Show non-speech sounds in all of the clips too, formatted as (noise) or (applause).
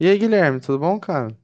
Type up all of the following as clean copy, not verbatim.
E aí, Guilherme, tudo bom, cara?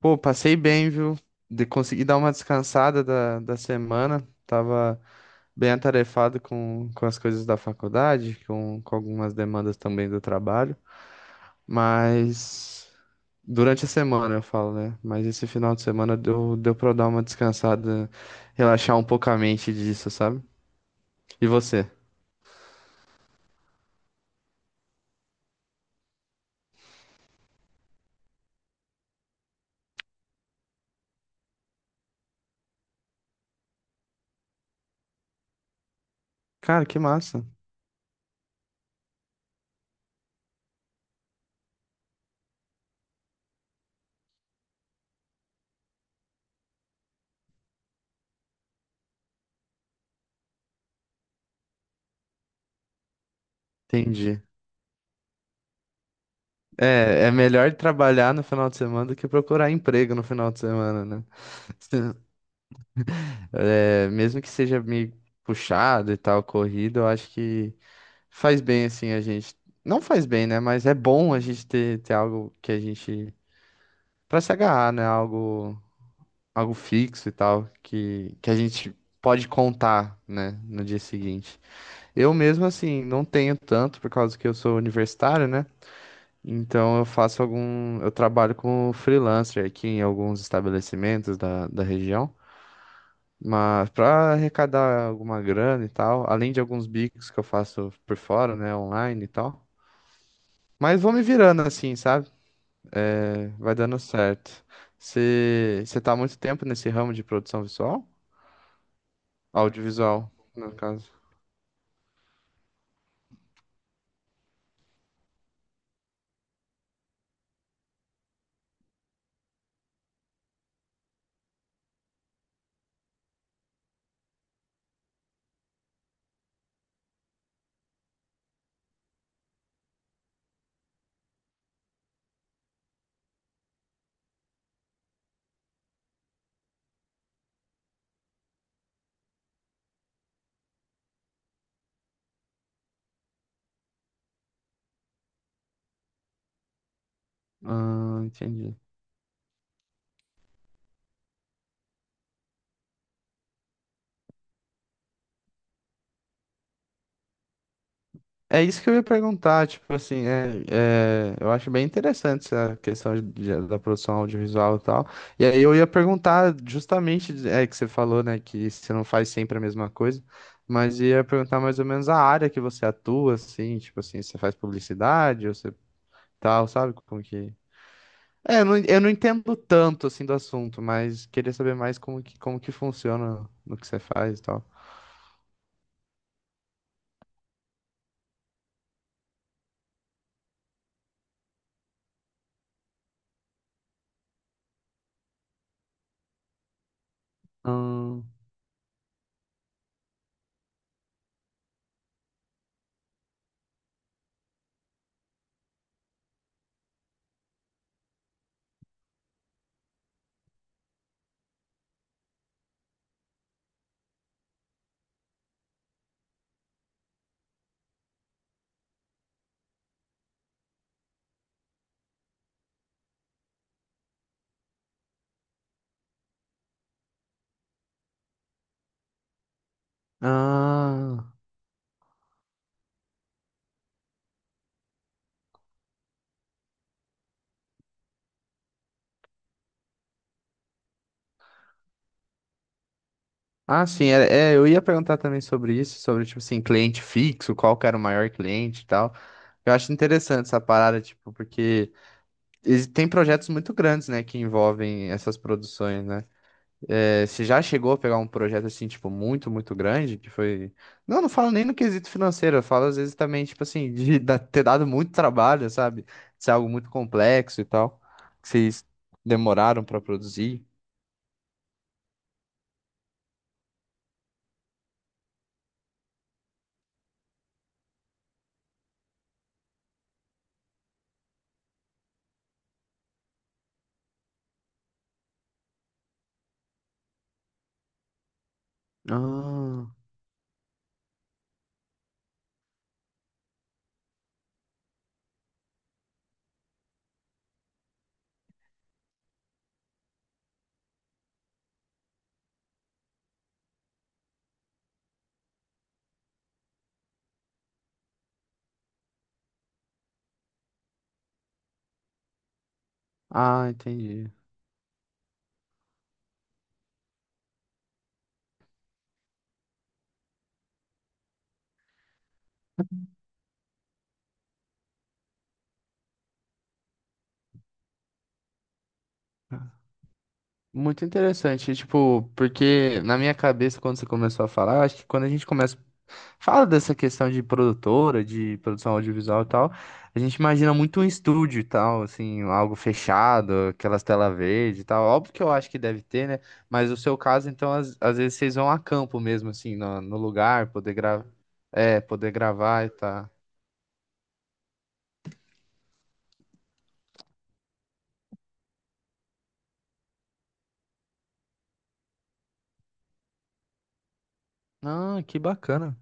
Pô, passei bem, viu? De conseguir dar uma descansada da semana. Tava bem atarefado com as coisas da faculdade, com algumas demandas também do trabalho. Mas durante a semana eu falo, né? Mas esse final de semana deu pra eu dar uma descansada, relaxar um pouco a mente disso, sabe? E você? Cara, que massa. Entendi. É, é melhor trabalhar no final de semana do que procurar emprego no final de semana, né? (laughs) É, mesmo que seja meio puxado e tal, corrido, eu acho que faz bem assim a gente. Não faz bem, né? Mas é bom a gente ter, ter algo que a gente. Pra se agarrar, né? Algo, algo fixo e tal, que a gente pode contar, né? No dia seguinte. Eu mesmo, assim, não tenho tanto, por causa que eu sou universitário, né? Então eu faço algum. Eu trabalho com freelancer aqui em alguns estabelecimentos da região, mas para arrecadar alguma grana e tal, além de alguns bicos que eu faço por fora, né, online e tal. Mas vou me virando assim, sabe? Vai dando certo. Você tá há muito tempo nesse ramo de produção visual? Audiovisual, no caso. Ah, entendi. É isso que eu ia perguntar, tipo assim, eu acho bem interessante essa questão da produção audiovisual e tal. E aí eu ia perguntar justamente, é que você falou, né, que você não faz sempre a mesma coisa, mas ia perguntar mais ou menos a área que você atua, assim, tipo assim, você faz publicidade ou você tal, sabe como que... É, eu não entendo tanto, assim, do assunto, mas queria saber mais como que funciona no que você faz e tal. Hum. Ah. Ah, sim, eu ia perguntar também sobre isso, sobre, tipo assim, cliente fixo, qual que era o maior cliente e tal. Eu acho interessante essa parada, tipo, porque tem projetos muito grandes, né, que envolvem essas produções, né? É, você já chegou a pegar um projeto, assim, tipo, muito, muito grande, que foi... Não, não falo nem no quesito financeiro, eu falo, às vezes, também, tipo assim, de (laughs) ter dado muito trabalho, sabe? De ser algo muito complexo e tal, que vocês demoraram pra produzir. Ah, ah, entendi. Muito interessante, tipo, porque na minha cabeça, quando você começou a falar, acho que quando a gente começa, fala dessa questão de produtora, de produção audiovisual e tal, a gente imagina muito um estúdio e tal, assim, algo fechado, aquelas telas verdes e tal. Óbvio que eu acho que deve ter, né? Mas o seu caso, então, às vezes vocês vão a campo mesmo, assim, no lugar, poder gravar, é, poder gravar e tal. Ah, que bacana.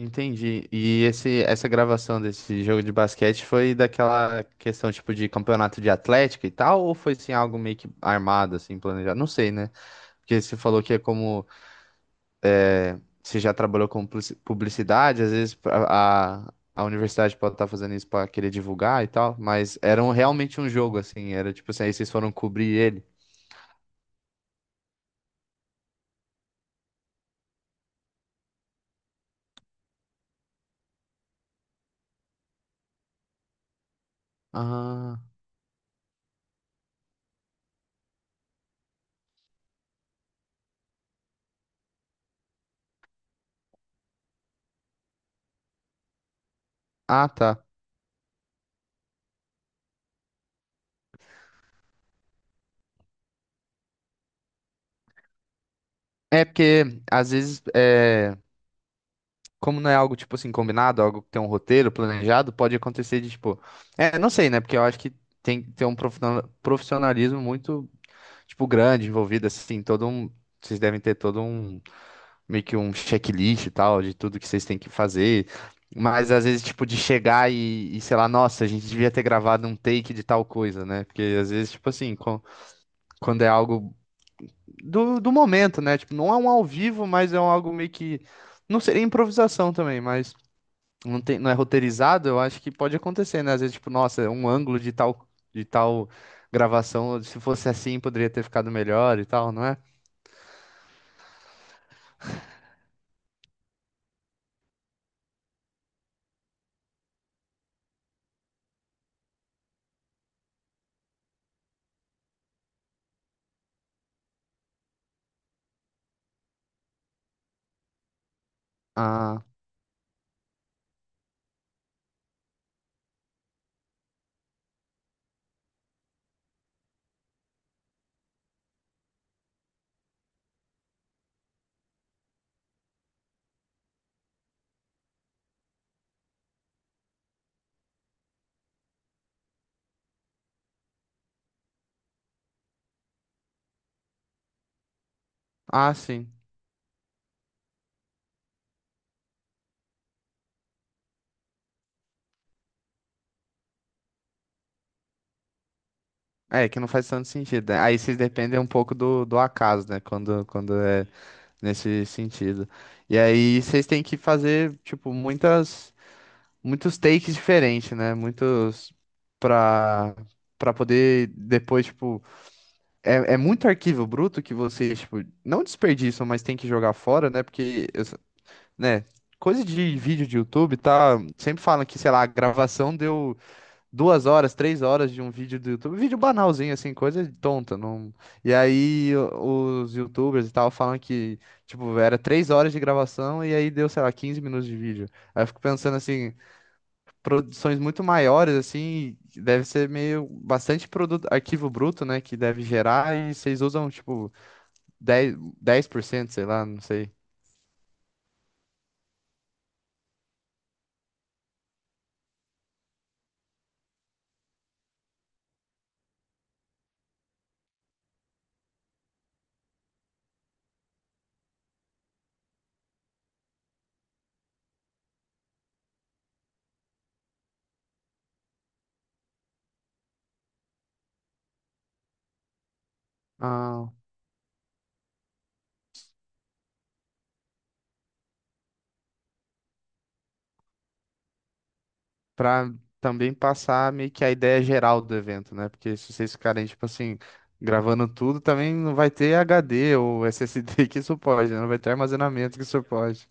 Entendi. E essa gravação desse jogo de basquete foi daquela questão tipo de campeonato de atlética e tal, ou foi assim algo meio que armado, assim, planejado? Não sei, né? Porque você falou que é como você já trabalhou com publicidade, às vezes a universidade pode estar fazendo isso para querer divulgar e tal, mas era realmente um jogo, assim, era tipo assim, aí vocês foram cobrir ele. Ah, ah, tá. É porque às vezes. É como não é algo, tipo assim, combinado, algo que tem um roteiro planejado, pode acontecer de, tipo. É, não sei, né? Porque eu acho que tem que ter um profissionalismo muito, tipo, grande envolvido, assim, todo um. Vocês devem ter todo um, meio que um checklist e tal, de tudo que vocês têm que fazer. Mas às vezes, tipo, de chegar e, sei lá, nossa, a gente devia ter gravado um take de tal coisa, né? Porque às vezes, tipo assim, quando é algo do momento, né? Tipo, não é um ao vivo, mas é um algo meio que. Não seria improvisação também, mas não tem, não é roteirizado, eu acho que pode acontecer, né? Às vezes, tipo, nossa, um ângulo de tal gravação, se fosse assim, poderia ter ficado melhor e tal, não é? Ah, ah, sim. É, que não faz tanto sentido, né? Aí vocês dependem um pouco do acaso, né? Quando é nesse sentido. E aí vocês têm que fazer, tipo, muitas, muitos takes diferentes, né? Muitos pra, pra poder depois, tipo, é, é muito arquivo bruto que vocês, tipo, não desperdiçam, mas tem que jogar fora, né? Porque, né, coisa de vídeo de YouTube, tá? Sempre falam que, sei lá, a gravação deu 2 horas, 3 horas de um vídeo do YouTube. Vídeo banalzinho, assim, coisa tonta. Não... E aí os YouTubers e tal falam que, tipo, era 3 horas de gravação e aí deu, sei lá, 15 minutos de vídeo. Aí eu fico pensando assim, produções muito maiores, assim, deve ser meio bastante produto, arquivo bruto, né, que deve gerar e vocês usam, tipo, dez 10%, sei lá, não sei. Ah, para também passar meio que a ideia geral do evento, né? Porque se vocês ficarem, tipo assim, gravando tudo, também não vai ter HD ou SSD (laughs) que suporte, né? Não vai ter armazenamento que suporte.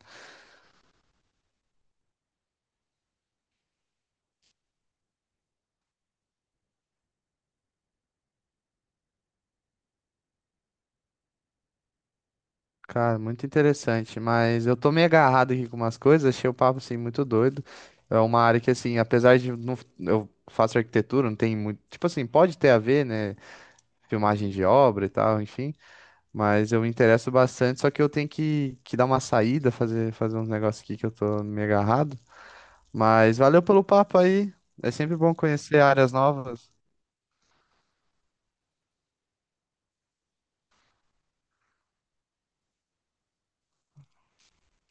Cara, muito interessante, mas eu tô meio agarrado aqui com umas coisas, achei o papo assim muito doido. É uma área que assim, apesar de não, eu faço arquitetura, não tem muito, tipo assim, pode ter a ver, né, filmagem de obra e tal, enfim, mas eu me interesso bastante, só que eu tenho que dar uma saída, fazer uns negócios aqui que eu tô meio agarrado, mas valeu pelo papo aí. É sempre bom conhecer áreas novas,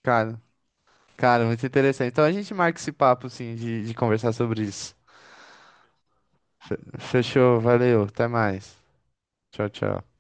cara. Cara, muito interessante. Então a gente marca esse papo, assim, de conversar sobre isso. Fechou, valeu, até mais. Tchau, tchau.